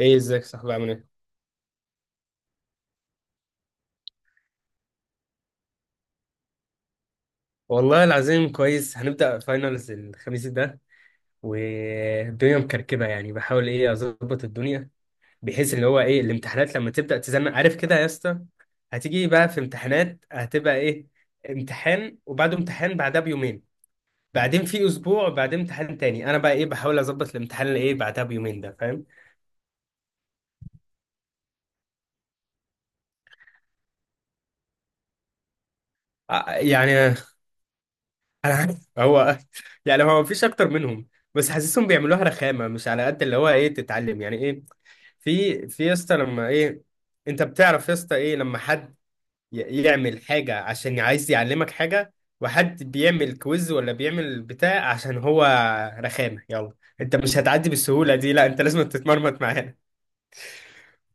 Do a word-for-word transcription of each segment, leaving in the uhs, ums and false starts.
ايه ازيك يا صاحبي عامل ايه؟ والله العظيم كويس، هنبدأ فاينلز الخميس ده. والدنيا مكركبة، يعني بحاول ايه اظبط الدنيا بحيث اللي هو ايه الامتحانات لما تبدأ تزنق، عارف كده يا اسطى. هتيجي بقى في امتحانات، هتبقى ايه، امتحان وبعده امتحان بعدها بيومين، بعدين في اسبوع بعدين امتحان تاني. انا بقى ايه بحاول اظبط الامتحان اللي ايه بعدها بيومين ده، فاهم؟ ع- يعني انا عارف هو، يعني هو مفيش اكتر منهم. بس حاسسهم بيعملوها رخامة مش على قد اللي هو ايه تتعلم يعني ايه. في في يا اسطى لما ايه، انت بتعرف يا اسطى ايه لما حد ي- يعمل حاجه عشان عايز يعلمك حاجه، وحد بيعمل كويز ولا بيعمل بتاع عشان هو رخامه، يلا انت مش هتعدي بالسهوله دي، لا انت لازم تتمرمط معاه.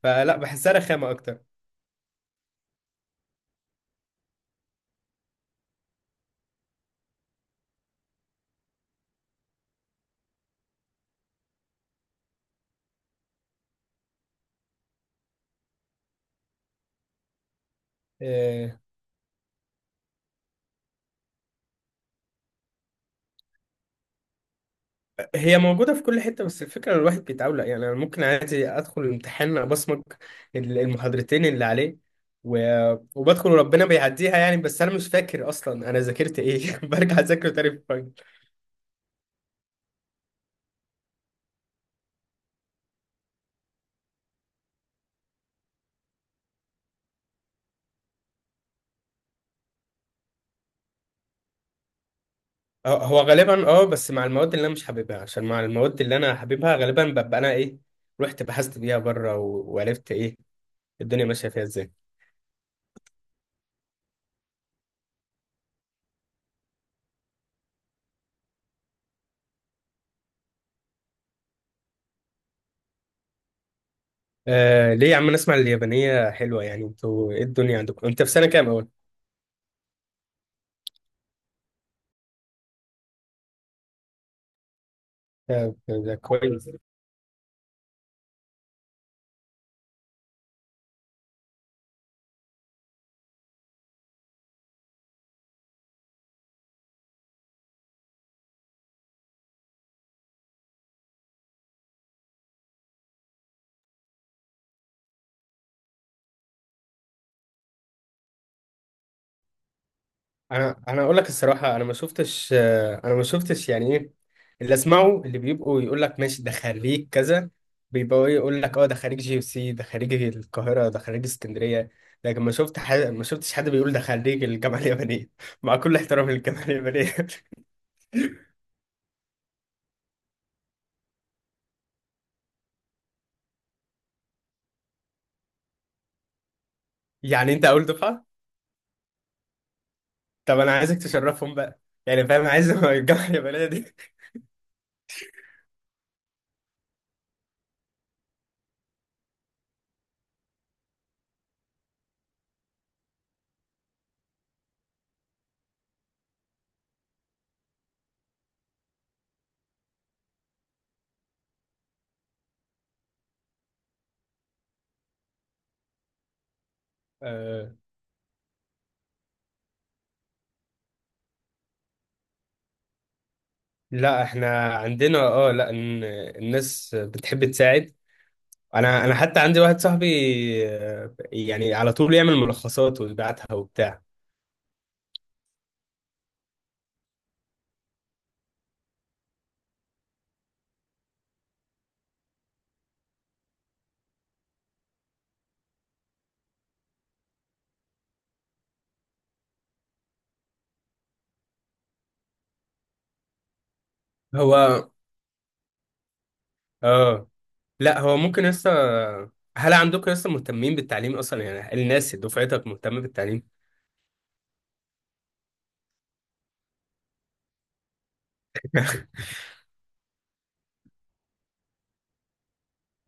فلا بحسها رخامه اكتر. آه، هي موجوده في كل حته، بس الفكره إن الواحد بيتعود. يعني انا ممكن عادي ادخل الامتحان ابصمج ال- المحاضرتين اللي عليه، و- وبدخل وربنا بيعديها يعني، بس انا مش فاكر اصلا انا ذاكرت ايه، برجع اذاكره تاني في... آه، هو غالبا اه، بس مع المواد اللي انا مش حاببها، عشان مع المواد اللي انا حاببها غالبا ببقى انا ايه رحت بحثت بيها بره، و- وعرفت ايه الدنيا ماشيه فيها ازاي. آه ليه يا عم، نسمع اليابانيه حلوه، يعني انتوا ايه الدنيا عندكم؟ انت في سنه كام اول؟ آه، ده كويس. انا انا اقول لك الصراحه، انا ما شفتش، آه، انا ما شفتش يعني ايه اللي اسمعه، اللي بيبقوا يقول لك ماشي ده خريج كذا، بيبقوا ايه يقول لك اه، ده خريج جي سي، ده خريج القاهره، ده خريج اسكندريه. لكن ما شفت حد، ما شفتش حد بيقول ده خريج الجامعه اليابانيه. مع كل احترامي للجامعه اليابانيه. يعني انت اول دفعه؟ طب انا عايزك تشرفهم بقى، يعني فاهم؟ عايز الجامعه اليابانيه دي. آه لا احنا عندنا اه، لا إن- الناس بتحب تساعد. انا انا حتى عندي واحد صاحبي، آه، يعني على طول يعمل ملخصات ويبعتها وبتاع. هو اه، لا هو ممكن لسه. هل عندكم لسه مهتمين بالتعليم اصلا؟ يعني الناس دفعتك مهتمه بالتعليم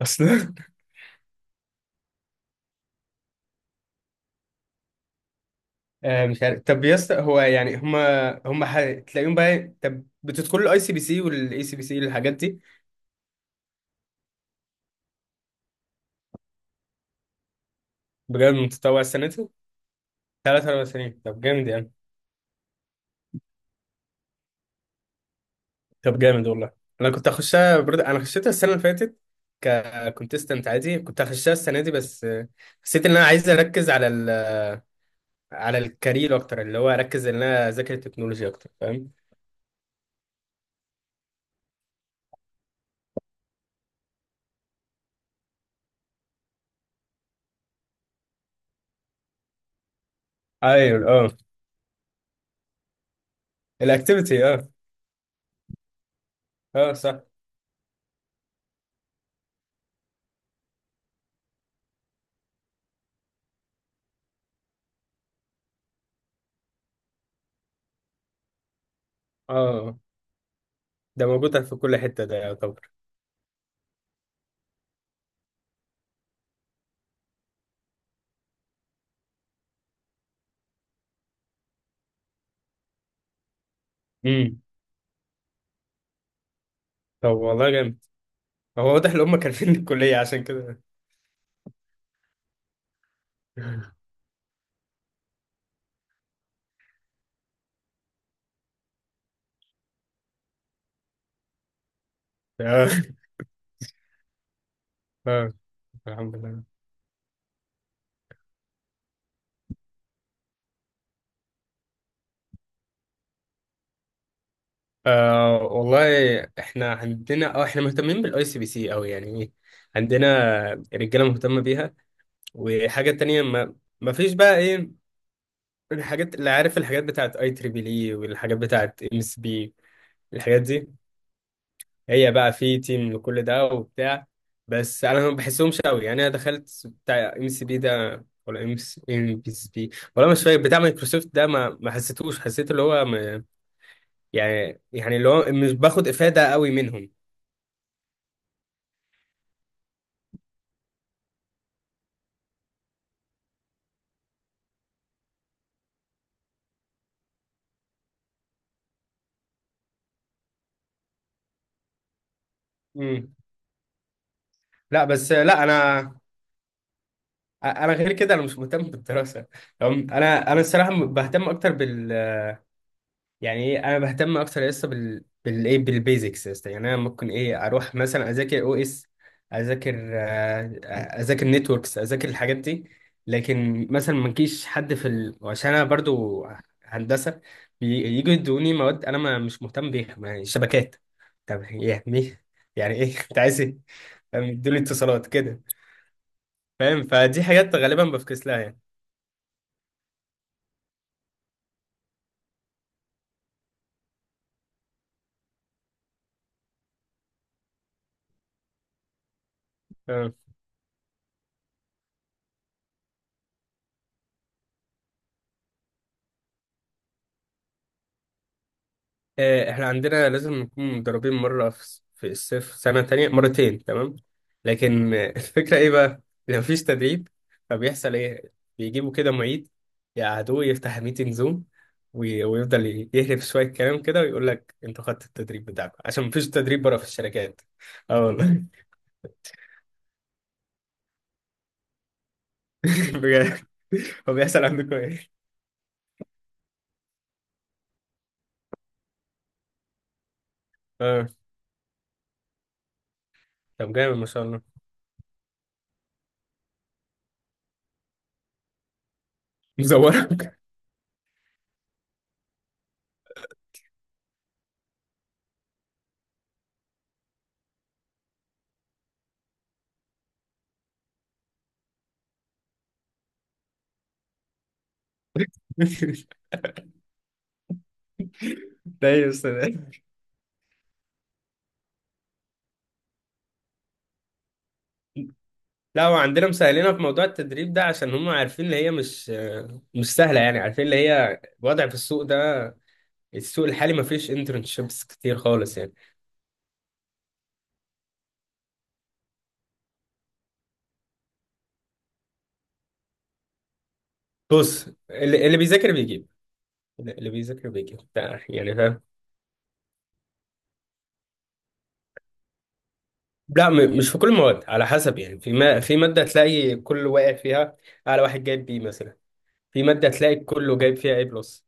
اصلا؟ آه، مش عارف. طب يا اسطى، هو يعني هما هما ح... تلاقيهم بقى. طب بتدخلوا الاي سي بي سي والاي سي بي سي الحاجات دي؟ بجد متطوع السنه دي؟ ثلاث اربع سنين، طب جامد يعني. طب جامد والله. انا كنت اخشها برد... انا خشيتها السنه اللي فاتت ككونتستنت عادي. كنت هخشها السنه دي، بس حسيت ان انا عايز اركز على ال... على الكارير اكتر، اللي هو اركز ان انا اذاكر التكنولوجيا اكتر، فاهم؟ ايوه، اه الاكتيفيتي، اه اه صح اه. ده موجود في كل حته، ده يعتبر. امم. طب والله جامد، هو واضح ان هم كارفين الكليه عشان كده. اه اه الحمد لله. آه والله احنا عندنا اه، احنا مهتمين بالاي سي بي سي قوي، يعني ايه عندنا رجاله مهتمه بيها. وحاجه تانية ما، ما فيش بقى ايه الحاجات اللي عارف، الحاجات بتاعت اي تريبل اي، والحاجات بتاعت ام اس بي، الحاجات دي. هي بقى في تيم لكل ده وبتاع، بس انا ما بحسهمش قوي. يعني انا دخلت بتاع ام اس بي ده، ولا ام ام اس بي، ولا مش فاكر بتاع مايكروسوفت ده، ما ما حسيتوش، حسيت اللي هو ما- يعني يعني اللي هو مش باخد افاده قوي منهم. لا بس لا انا، انا غير كده، انا مش مهتم بالدراسه تمام. انا انا الصراحه بهتم اكتر بال... يعني ايه انا بهتم اكتر لسه بال، بالايه بالبيزكس لسه، يعني انا ممكن ايه اروح مثلا اذاكر او اس، اذاكر آه، اذاكر نتوركس، اذاكر الحاجات دي. لكن مثلا ما نجيش حد في ال... عشان انا برضو هندسه بي- يجوا يدوني مواد انا ما مش مهتم بيها يعني شبكات. طب يعني إيه؟ يعني ايه انت عايز ايه؟ يدوني اتصالات كده، فاهم؟ فدي حاجات غالبا بفكس لها يعني. تمام. آه، احنا عندنا لازم نكون متدربين مرة في الص- في الصيف سنة تانية مرتين تمام. لكن آه، الفكرة ايه بقى؟ لو مفيش تدريب، فبيحصل ايه؟ بيجيبوا كده معيد، يقعدوه يفتح ميتنج زوم، وي- ويفضل ي- يهرب شوية كلام كده، ويقول لك انتوا خدتوا التدريب بتاعكم عشان مفيش تدريب بره في الشركات. اه والله، بجد. هو بيحصل عندكم ايه؟ اه، طب جامد ما شاء الله. مزورك، ده يا استاذ. لا هو عندنا مسهلينها في موضوع التدريب ده، عشان هم عارفين اللي هي مش مش سهلة، يعني عارفين اللي هي الوضع في السوق ده. السوق الحالي ما فيش انترنشيبس كتير خالص يعني. بص اللي, اللي بيذاكر بيجيب، اللي بيذاكر بيجيب ده يعني، فاهم؟ لا م- مش في كل المواد، على حسب يعني. في ما في مادة تلاقي كل واقع فيها على واحد جايب بي مثلا، في مادة تلاقي كله جايب فيها اي بلس.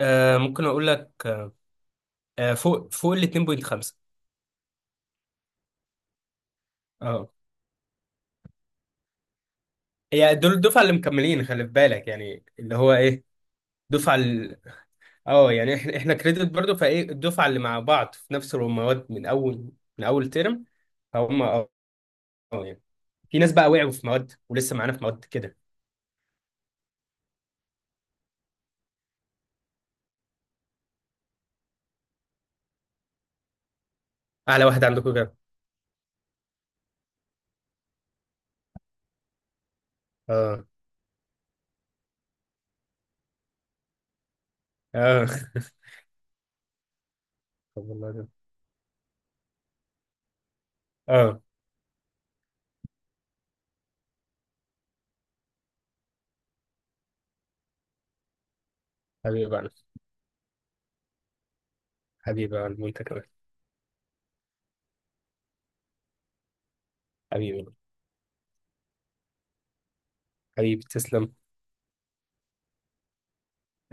آه ممكن اقول لك، آه فوق فوق ال اتنين ونص. اه، يعني دول الدفعة اللي مكملين، خلي في بالك يعني اللي هو ايه. دفعة. اه يعني احنا احنا كريدت برضو فايه الدفعه اللي مع بعض في نفس المواد من اول من اول ترم، فهم اه. آه يعني في ناس بقى وقعوا في مواد ولسه معانا في مواد كده. اعلى واحد عندكم كده؟ اه اه. طب والله ده اه. حبيبي بقى، حبيبي بقى وانت كمان. حبيبي، حبيبي تسلم.